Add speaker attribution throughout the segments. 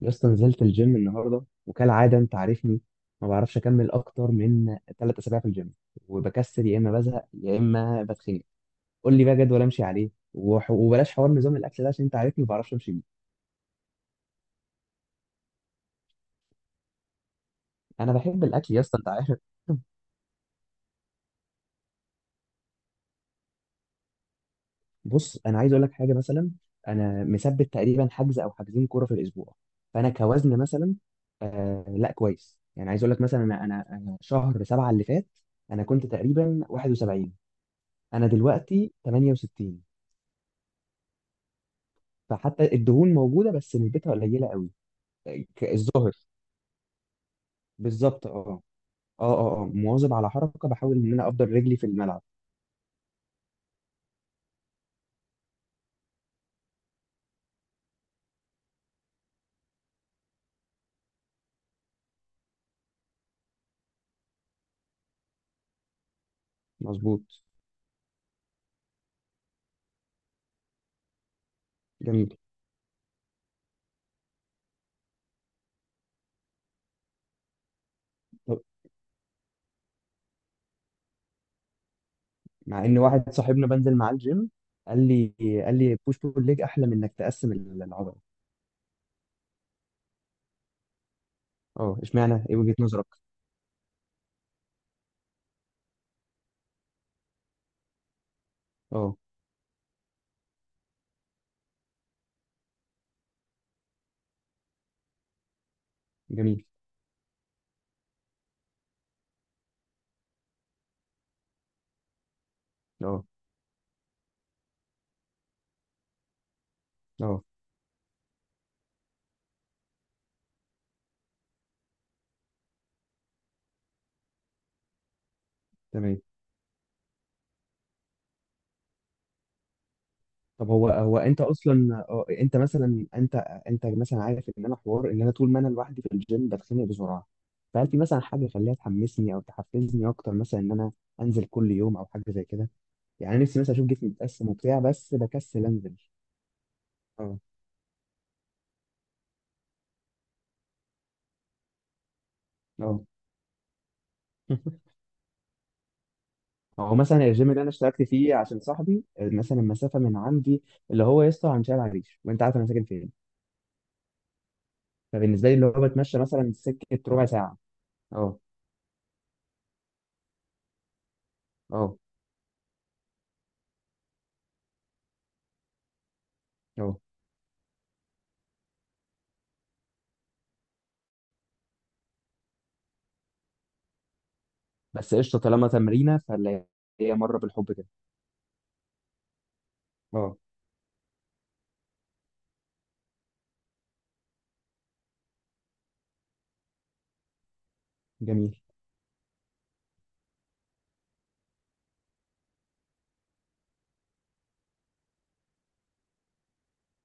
Speaker 1: يا اسطى، نزلت الجيم النهارده وكالعاده انت عارفني، ما بعرفش اكمل اكتر من ثلاث اسابيع في الجيم وبكسل، يا اما بزهق يا اما بتخنق. قول لي بقى جدول امشي عليه، وبلاش حوار نظام الاكل ده عشان انت عارفني ما بعرفش امشي بيه. انا بحب الاكل يا اسطى، انت عارف. بص، انا عايز اقول لك حاجه مثلا. انا مثبت تقريبا حجز او حجزين كوره في الاسبوع، فانا كوزن مثلا. آه لا، كويس. يعني عايز اقول لك مثلا، انا انا أنا شهر سبعه اللي فات انا كنت تقريبا 71، انا دلوقتي 68، فحتى الدهون موجوده بس نسبتها قليله قوي. الظاهر. بالظبط، اه. اه مواظب على حركه، بحاول ان انا افضل رجلي في الملعب. مظبوط. جميل. طب، مع ان واحد صاحبنا بنزل معاه الجيم قال لي قال لي بوش بول ليج احلى من انك تقسم العضله. اه، اشمعنى؟ ايه وجهه نظرك؟ اه. جميل. اه. اه. تمام. طب، هو انت اصلا انت مثلا، انت، انت مثلا عارف ان انا حوار ان انا طول ما انا لوحدي في الجيم بتخنق بسرعه. فهل في مثلا حاجه خليها تحمسني او تحفزني اكتر مثلا، ان انا انزل كل يوم او حاجه زي كده؟ يعني أنا نفسي مثلا اشوف جسمي متقسم وبتاع، بس بكسل انزل. اه. اه. هو مثلا الجيم اللي انا اشتركت فيه عشان صاحبي، مثلا المسافه من عندي اللي هو يسطا عن شارع العريش، وانت عارف انا ساكن فين، فبالنسبه لي اللي هو بتمشى مثلا سكه ربع ساعه. اه. اه. اه. بس قشطه، طالما تمرينه فاللي هي مره بالحب كده. اه. جميل.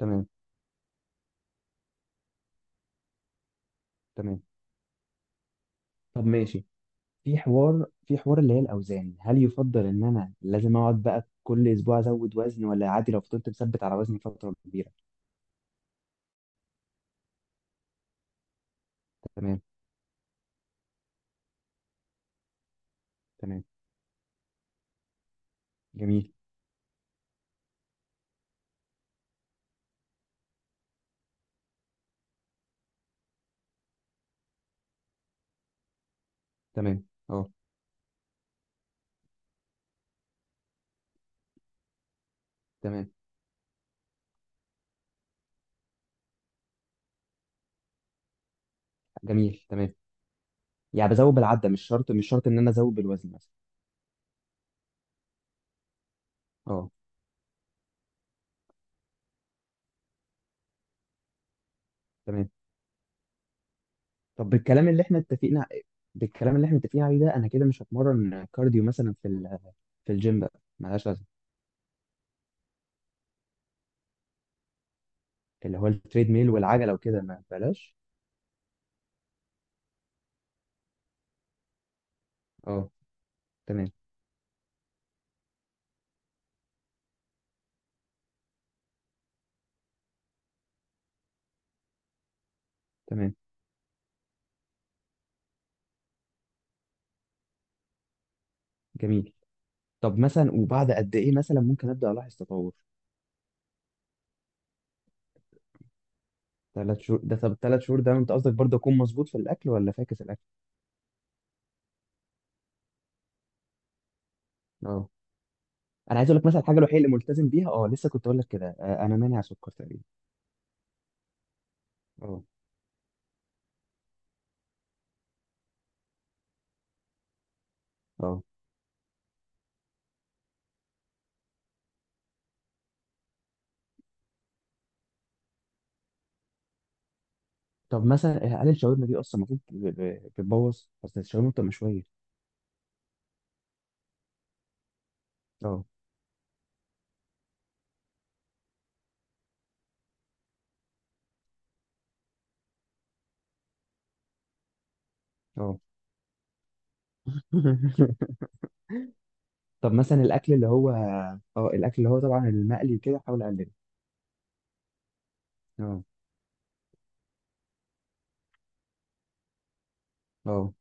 Speaker 1: تمام. تمام. طب ماشي. في حوار اللي هي الاوزان، هل يفضل ان انا لازم اقعد بقى كل اسبوع ازود وزن، ولا عادي لو فضلت مثبت على وزني فتره كبيره؟ تمام. تمام. جميل. تمام. اه. تمام. جميل. تمام. يعني بزود بالعده، مش شرط مش شرط ان انا ازود بالوزن مثلا. اه، تمام. طب، بالكلام اللي احنا متفقين عليه ده، انا كده مش هتمرن كارديو مثلا في الجيم بقى، ملهاش لازمه. اللي هو التريد ميل والعجله وكده، ما بلاش. اه. تمام. تمام. جميل. طب مثلا، وبعد قد ايه مثلا ممكن ابدا الاحظ تطور؟ ثلاث شهور ده، طب ثلاث شهور ده انت قصدك برضه اكون مظبوط في الاكل، ولا فاكس الاكل؟ اه، انا عايز اقول لك مثلا الحاجه الوحيده اللي ملتزم بيها، اه لسه كنت اقول لك كده، انا مانع سكر تقريبا. اه. اه. طب مثلا، هل الشاورما دي اصلا المفروض بتبوظ؟ اصل الشاورما بتبقى مشويه. اه. اه. طب مثلا الاكل اللي هو، اه الاكل اللي هو طبعا المقلي وكده، احاول اقلله. اه. اه.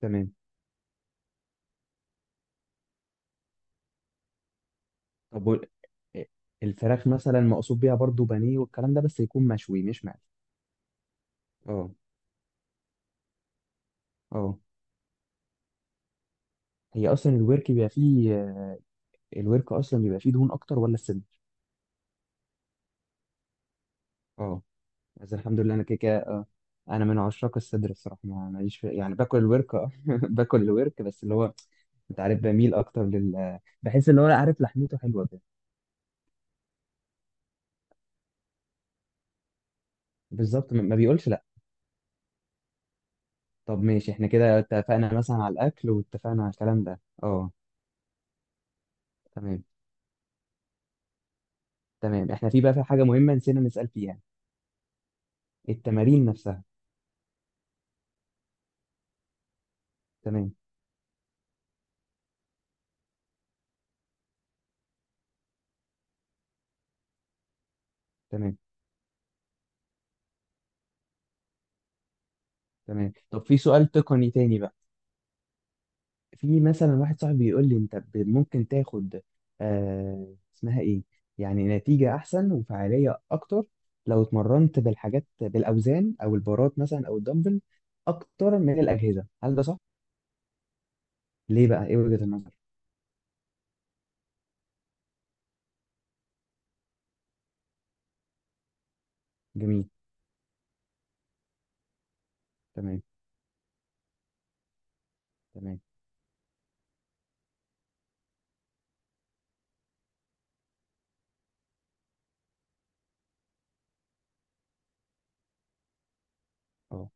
Speaker 1: تمام. طب، الفراخ مثلا مقصود بيها برضو بانيه والكلام ده، بس يكون مشوي مش مقلي. اه. اه. هي اصلا الورك بيبقى فيه، الورك اصلا بيبقى فيه دهون اكتر ولا الصدر؟ اه. بس الحمد لله انا كده كده. انا من عشاق الصدر الصراحه، ما ماليش يعني باكل الورك، اه باكل الورك، بس اللي هو انت عارف بميل اكتر لل، بحس اللي هو لا، عارف لحمته حلوه كده. بالظبط، ما بيقولش لا. طب ماشي، احنا كده اتفقنا مثلا على الاكل واتفقنا على الكلام ده، اه. تمام. تمام. احنا في بقى، في حاجه مهمه نسينا نسال فيها: التمارين نفسها. تمام. تمام. تمام. طب في سؤال تقني تاني بقى. في مثلا واحد صاحبي بيقول لي انت ممكن تاخد، آه اسمها ايه، يعني نتيجة احسن وفعالية اكتر لو اتمرنت بالحاجات، بالاوزان او البارات مثلا او الدمبل، اكتر من الاجهزة. هل ده صح؟ ليه بقى؟ ايه وجهة النظر؟ جميل. تمام. تمام. اه.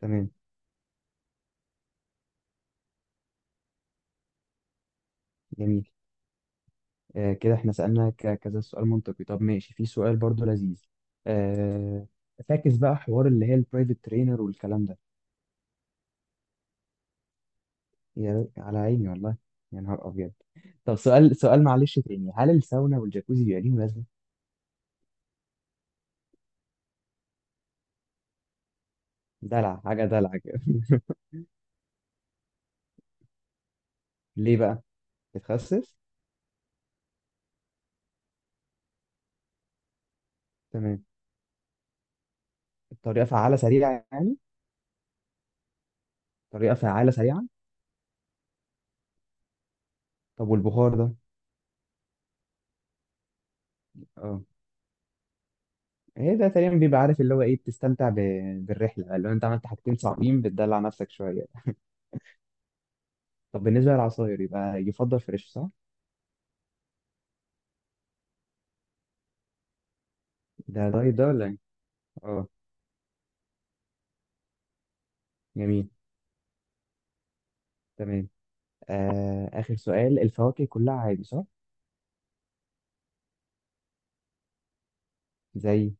Speaker 1: تمام. جميل. كده احنا سألنا كذا سؤال منطقي. طب ماشي، في سؤال برضو لذيذ. آه، فاكس بقى حوار اللي هي البرايفت ترينر والكلام ده. يا على عيني والله. يا نهار ابيض. طب سؤال معلش تاني: هل الساونا والجاكوزي بيبقى ليهم لازمه؟ دلع، حاجه دلع كده. ليه بقى؟ بتخسس؟ تمام. الطريقه فعاله سريعه يعني؟ طريقه فعاله سريعه. طب والبخار ده؟ اه. ايه ده؟ تقريبا بيبقى عارف اللي هو ايه، بتستمتع بالرحله، اللي هو انت عملت حاجتين صعبين، بتدلع نفسك شويه. طب بالنسبة للعصاير، يبقى يفضل فريش، صح؟ ده دايت ده ولا ايه؟ اه. جميل. تمام. آه، آخر سؤال: الفواكه كلها عادي، صح؟ زي؟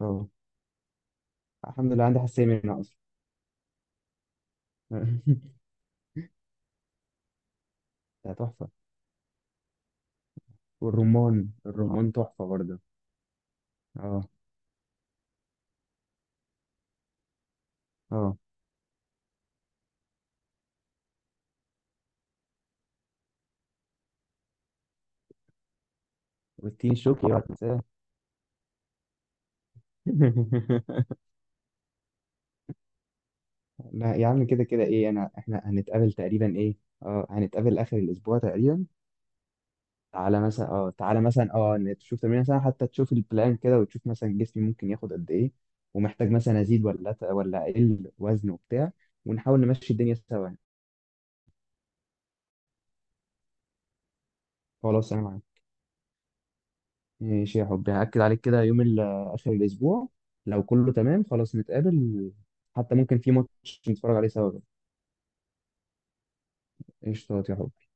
Speaker 1: اه. الحمد لله عندي حساسية منها أصلا. ده تحفة. والرمان، الرمان تحفة برضه. اه. اه. والتين شوكي بقى تنساه. لا يا عم، كده كده ايه، احنا هنتقابل تقريبا، ايه، اه، هنتقابل آخر الأسبوع تقريبا. تعالى مثلا، تعالى مثلا، إن تشوف تمرين مثلا، حتى تشوف البلان كده، وتشوف مثلا جسمي ممكن ياخد قد ايه، ومحتاج مثلا ازيد ولا ولا اقل وزن وبتاع. ونحاول نمشي الدنيا سوا. خلاص، انا معاك. ماشي يا حبي، هاكد عليك كده يوم اخر الاسبوع، لو كله تمام خلاص نتقابل. حتى ممكن في ماتش نتفرج عليه سوا بقى. قشطات يا حبي.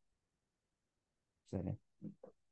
Speaker 1: سلام.